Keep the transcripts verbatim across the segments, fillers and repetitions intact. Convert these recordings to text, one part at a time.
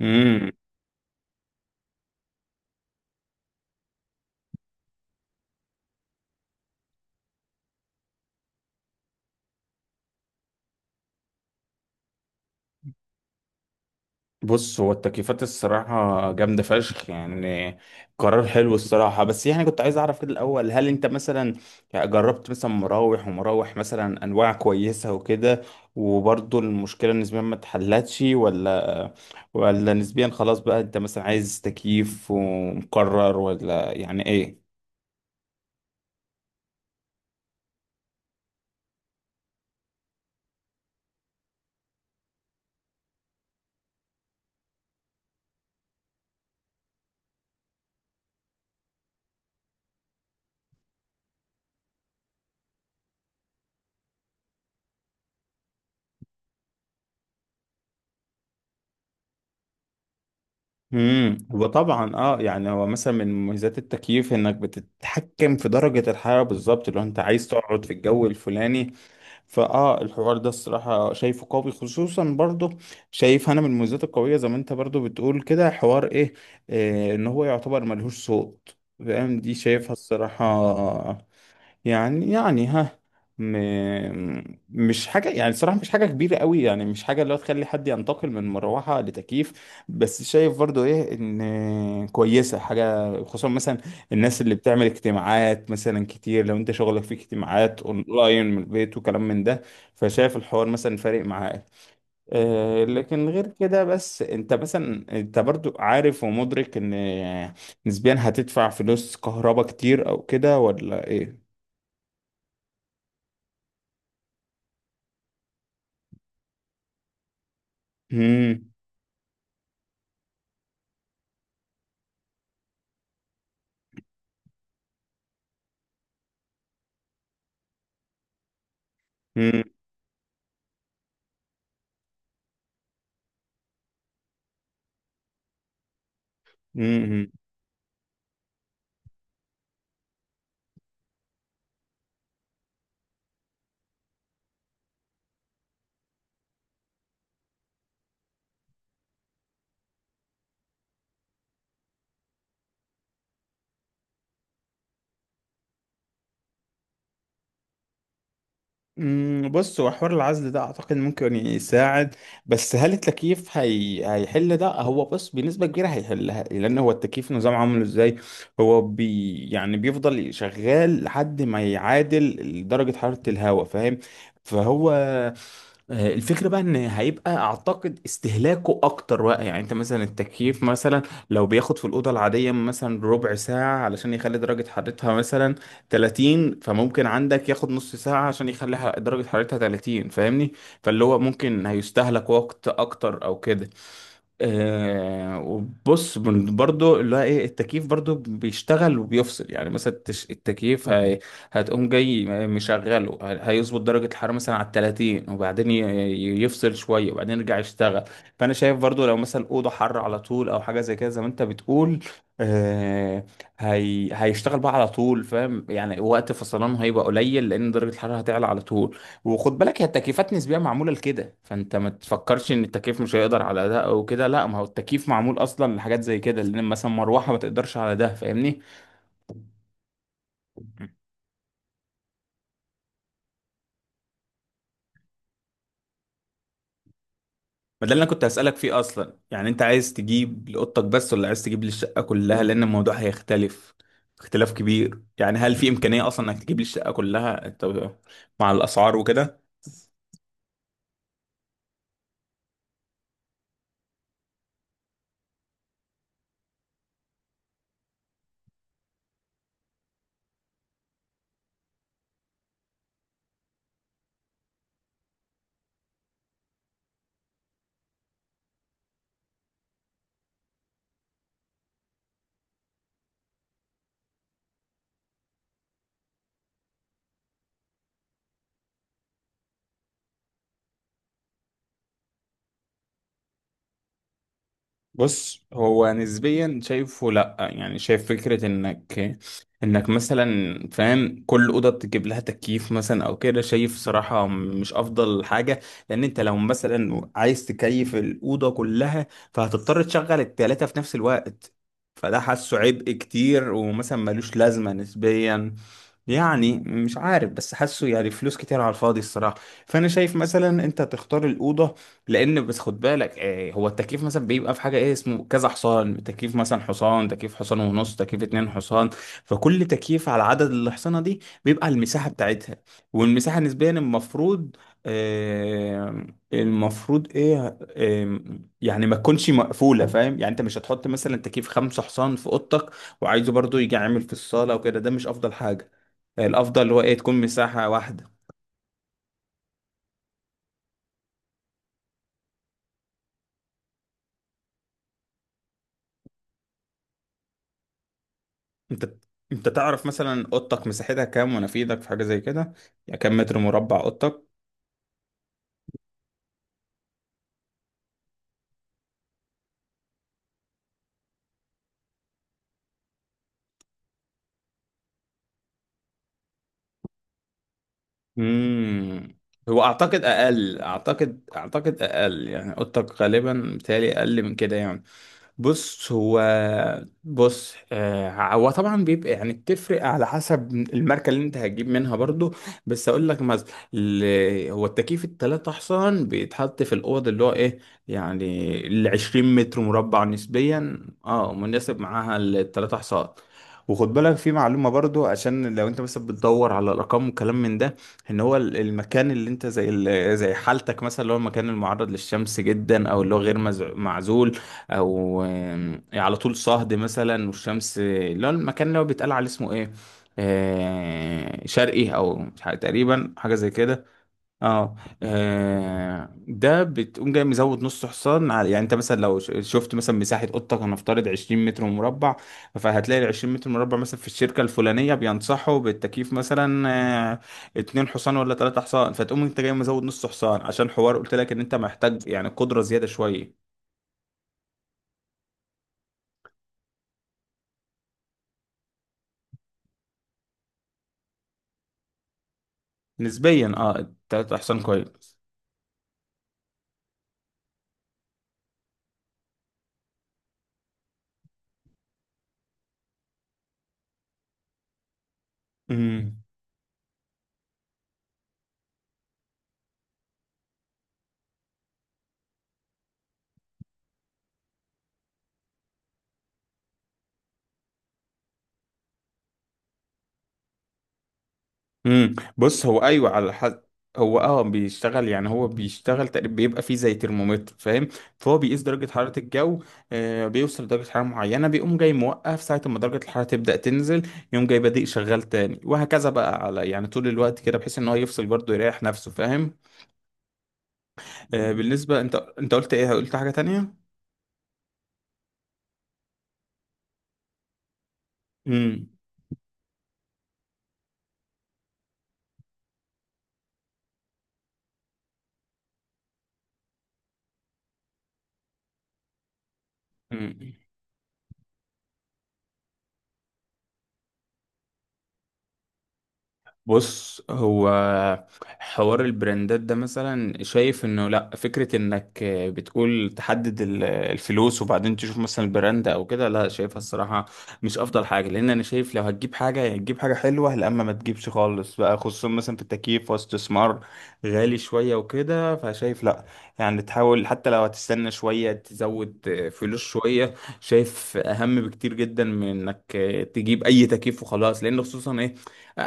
امم بص هو التكييفات الصراحة جامدة فشخ يعني. قرار حلو الصراحة، بس يعني كنت عايز أعرف كده الأول، هل أنت مثلا يعني جربت مثلا مراوح ومراوح مثلا أنواع كويسة وكده، وبرضه المشكلة نسبيا ما اتحلتش، ولا ولا نسبيا خلاص بقى أنت مثلا عايز تكييف ومقرر، ولا يعني إيه؟ امم وطبعا اه يعني هو مثلا من مميزات التكييف انك بتتحكم في درجة الحرارة بالظبط لو انت عايز تقعد في الجو الفلاني. فاه، الحوار ده الصراحة شايفه قوي، خصوصا برضه شايف انا من المميزات القوية زي ما انت برضه بتقول كده، حوار ايه, إيه ان هو يعتبر ملهوش صوت. فاهم، دي شايفها الصراحة. يعني يعني ها، م... مش حاجة يعني، صراحة مش حاجة كبيرة قوي، يعني مش حاجة اللي هو تخلي حد ينتقل من مروحة لتكييف. بس شايف برضو ايه، ان كويسة حاجة خصوصا مثلا الناس اللي بتعمل اجتماعات مثلا كتير، لو انت شغلك في اجتماعات اونلاين من البيت وكلام من ده، فشايف الحوار مثلا فارق معاك. آه، لكن غير كده، بس انت مثلا انت برضو عارف ومدرك ان نسبيا هتدفع فلوس كهرباء كتير او كده، ولا ايه؟ مم. مم. مم. مم. بص، هو حوار العزل ده اعتقد ممكن يساعد، بس هل التكييف هي... هيحل ده؟ هو بص بنسبه كبيره هيحلها، لان هو التكييف نظام عامله ازاي؟ هو بي... يعني بيفضل شغال لحد ما يعادل درجه حراره الهواء، فاهم؟ فهو آه، الفكرة بقى ان هيبقى اعتقد استهلاكه اكتر بقى. يعني انت مثلا التكييف مثلا لو بياخد في الاوضة العادية مثلا ربع ساعة علشان يخلي درجة حرارتها مثلا ثلاثين، فممكن عندك ياخد نص ساعة عشان يخلي ح- درجة حرارتها ثلاثين، فاهمني؟ فاللي هو ممكن هيستهلك وقت اكتر او كده. آه، وبص من- برضو اللي هو ايه، التكييف برضو بيشتغل وبيفصل. يعني مثلا التش- التكييف هي هتقوم جاي مشغله، هي- هيظبط درجة الحرارة مثلا على ثلاثين، وبعدين ي- ي- يفصل شوية وبعدين يرجع يشتغل. فأنا شايف برضو لو مثلا أوضة حر على طول أو حاجة زي كده، زي ما أنت بتقول، آه، هي... هيشتغل بقى على طول، فاهم؟ يعني وقت فصلانه هيبقى قليل لان درجه الحراره هتعلى على طول. وخد بالك، هي التكييفات نسبيا معموله لكده، فانت ما تفكرش ان التكييف مش هيقدر على ده او كده، لا، ما هو التكييف معمول اصلا لحاجات زي كده، لان مثلا مروحه ما تقدرش على ده، فاهمني؟ ما ده اللي انا كنت هسألك فيه اصلا، يعني انت عايز تجيب لأوضتك بس، ولا عايز تجيب للشقة كلها؟ لان الموضوع هيختلف اختلاف كبير. يعني هل في امكانية اصلا انك تجيب للشقة كلها انت مع الاسعار وكده؟ بص، هو نسبيا شايفه لا، يعني شايف فكرة انك انك مثلا فاهم كل اوضه تجيب لها تكييف مثلا او كده، شايف صراحه مش افضل حاجه، لان انت لو مثلا عايز تكيف الاوضه كلها فهتضطر تشغل التلاته في نفس الوقت، فده حاسه عبء كتير ومثلا ملوش لازمه نسبيا. يعني مش عارف بس حاسه يعني فلوس كتير على الفاضي الصراحه. فانا شايف مثلا انت تختار الاوضه، لان بس خد بالك آه، هو التكييف مثلا بيبقى في حاجه ايه اسمه كذا حصان، تكييف مثلا حصان، تكييف حصان ونص، تكييف اتنين حصان. فكل تكييف على عدد الحصانه دي بيبقى على المساحه بتاعتها، والمساحه نسبيا المفروض آه، المفروض ايه آه، يعني ما تكونش مقفوله، فاهم؟ يعني انت مش هتحط مثلا تكييف خمسة حصان في اوضتك وعايزه برضو يجي عامل في الصاله وكده، ده مش افضل حاجه. الافضل اللي هو ايه تكون مساحه واحده. انت انت تعرف مثلا اوضتك مساحتها كام ونفيدك في حاجه زي كده؟ يعني كام متر مربع اوضتك؟ امم هو اعتقد اقل، اعتقد اعتقد اقل، يعني اوضتك غالبا بتهيألي اقل من كده يعني. بص هو بص آه، هو طبعا بيبقى يعني بتفرق على حسب الماركه اللي انت هتجيب منها برضو، بس اقول لك مثلا ال- هو التكييف التلاتة احسن بيتحط في الاوض اللي هو ايه، يعني ال عشرين متر مربع نسبيا اه مناسب معاها التلاتة حصان. وخد بالك في معلومه برضو، عشان لو انت مثلا بتدور على الارقام وكلام من ده، ان هو ال- المكان اللي انت زي ال- زي حالتك مثلا، اللي هو المكان المعرض للشمس جدا او اللي هو غير مز- معزول، او آم، على طول صهد مثلا والشمس، اللي هو المكان اللي هو بيتقال عليه اسمه ايه آه، شرقي او مش عارف- تقريبا حاجه زي كده، اه آه، ده بتقوم جاي مزود نص حصان على. يعني انت مثلا لو ش- شفت مثلا مساحة اوضتك هنفترض عشرين متر مربع، فهتلاقي ال عشرين متر مربع مثلا في الشركة الفلانية بينصحوا بالتكييف مثلا آه، اتنين حصان ولا تلاتة حصان، فتقوم انت جاي مزود نص حصان، عشان حوار قلت لك ان انت محتاج يعني قدرة زيادة شوية. نسبيا اه تلاتة حصان كويس. امم امم. بص هو ايوه على حد. هو اه بيشتغل، يعني هو بيشتغل تقريبا بيبقى فيه زي ترمومتر، فاهم؟ فهو بيقيس درجة حرارة الجو، آه، بيوصل لدرجة حرارة معينة بيقوم جاي موقف، ساعة ما درجة الحرارة تبدأ تنزل يقوم جاي بادئ شغال تاني، وهكذا بقى على يعني طول الوقت كده، بحيث ان هو يفصل برضه يريح نفسه، فاهم؟ آه بالنسبة، انت انت قلت ايه، قلت حاجة تانية؟ امم بص، هو حوار البراندات ده مثلا شايف انه لا، فكرة انك بتقول تحدد ال- الفلوس وبعدين تشوف مثلا البراند او كده، لا شايفها الصراحة مش افضل حاجة. لان انا شايف لو هتجيب حاجة يا تجيب حاجة حلوة، لا اما ما تجيبش خالص بقى، خصوصا مثلا في التكييف واستثمار غالي شوية وكده، فشايف لا يعني تحاول، حتى لو هتستنى شوية تزود فلوس شوية. شايف اهم بكتير جدا من انك تجيب اي تكييف وخلاص، لان خصوصا إيه؟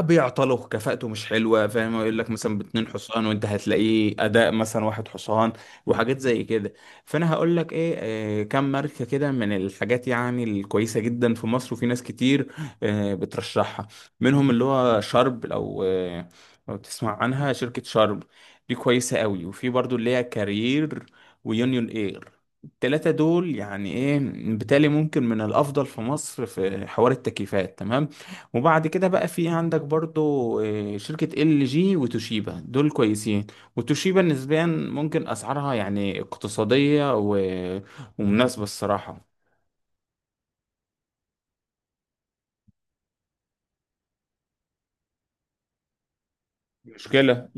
بيعطلوا كفاءته مش حلوه، فاهم؟ يقول لك مثلا باتنين حصان وانت هتلاقيه اداء مثلا واحد حصان وحاجات زي كده. فانا هقول لك ايه، آه، كم ماركه كده من الحاجات يعني الكويسه جدا في مصر وفي ناس كتير آه، بترشحها. منهم اللي هو شرب، لو آه، لو تسمع عنها شركه شرب، دي كويسه قوي. وفي برضو اللي هي كارير ويونيون اير. التلاتة دول يعني ايه بالتالي ممكن من الافضل في مصر في حوار التكييفات تمام. وبعد كده بقى في عندك برضو آه، شركة ال جي وتوشيبا، دول كويسين. وتوشيبا نسبيا ممكن أسعارها يعني اقتصادية و... ومناسبة الصراحة. مشكلة.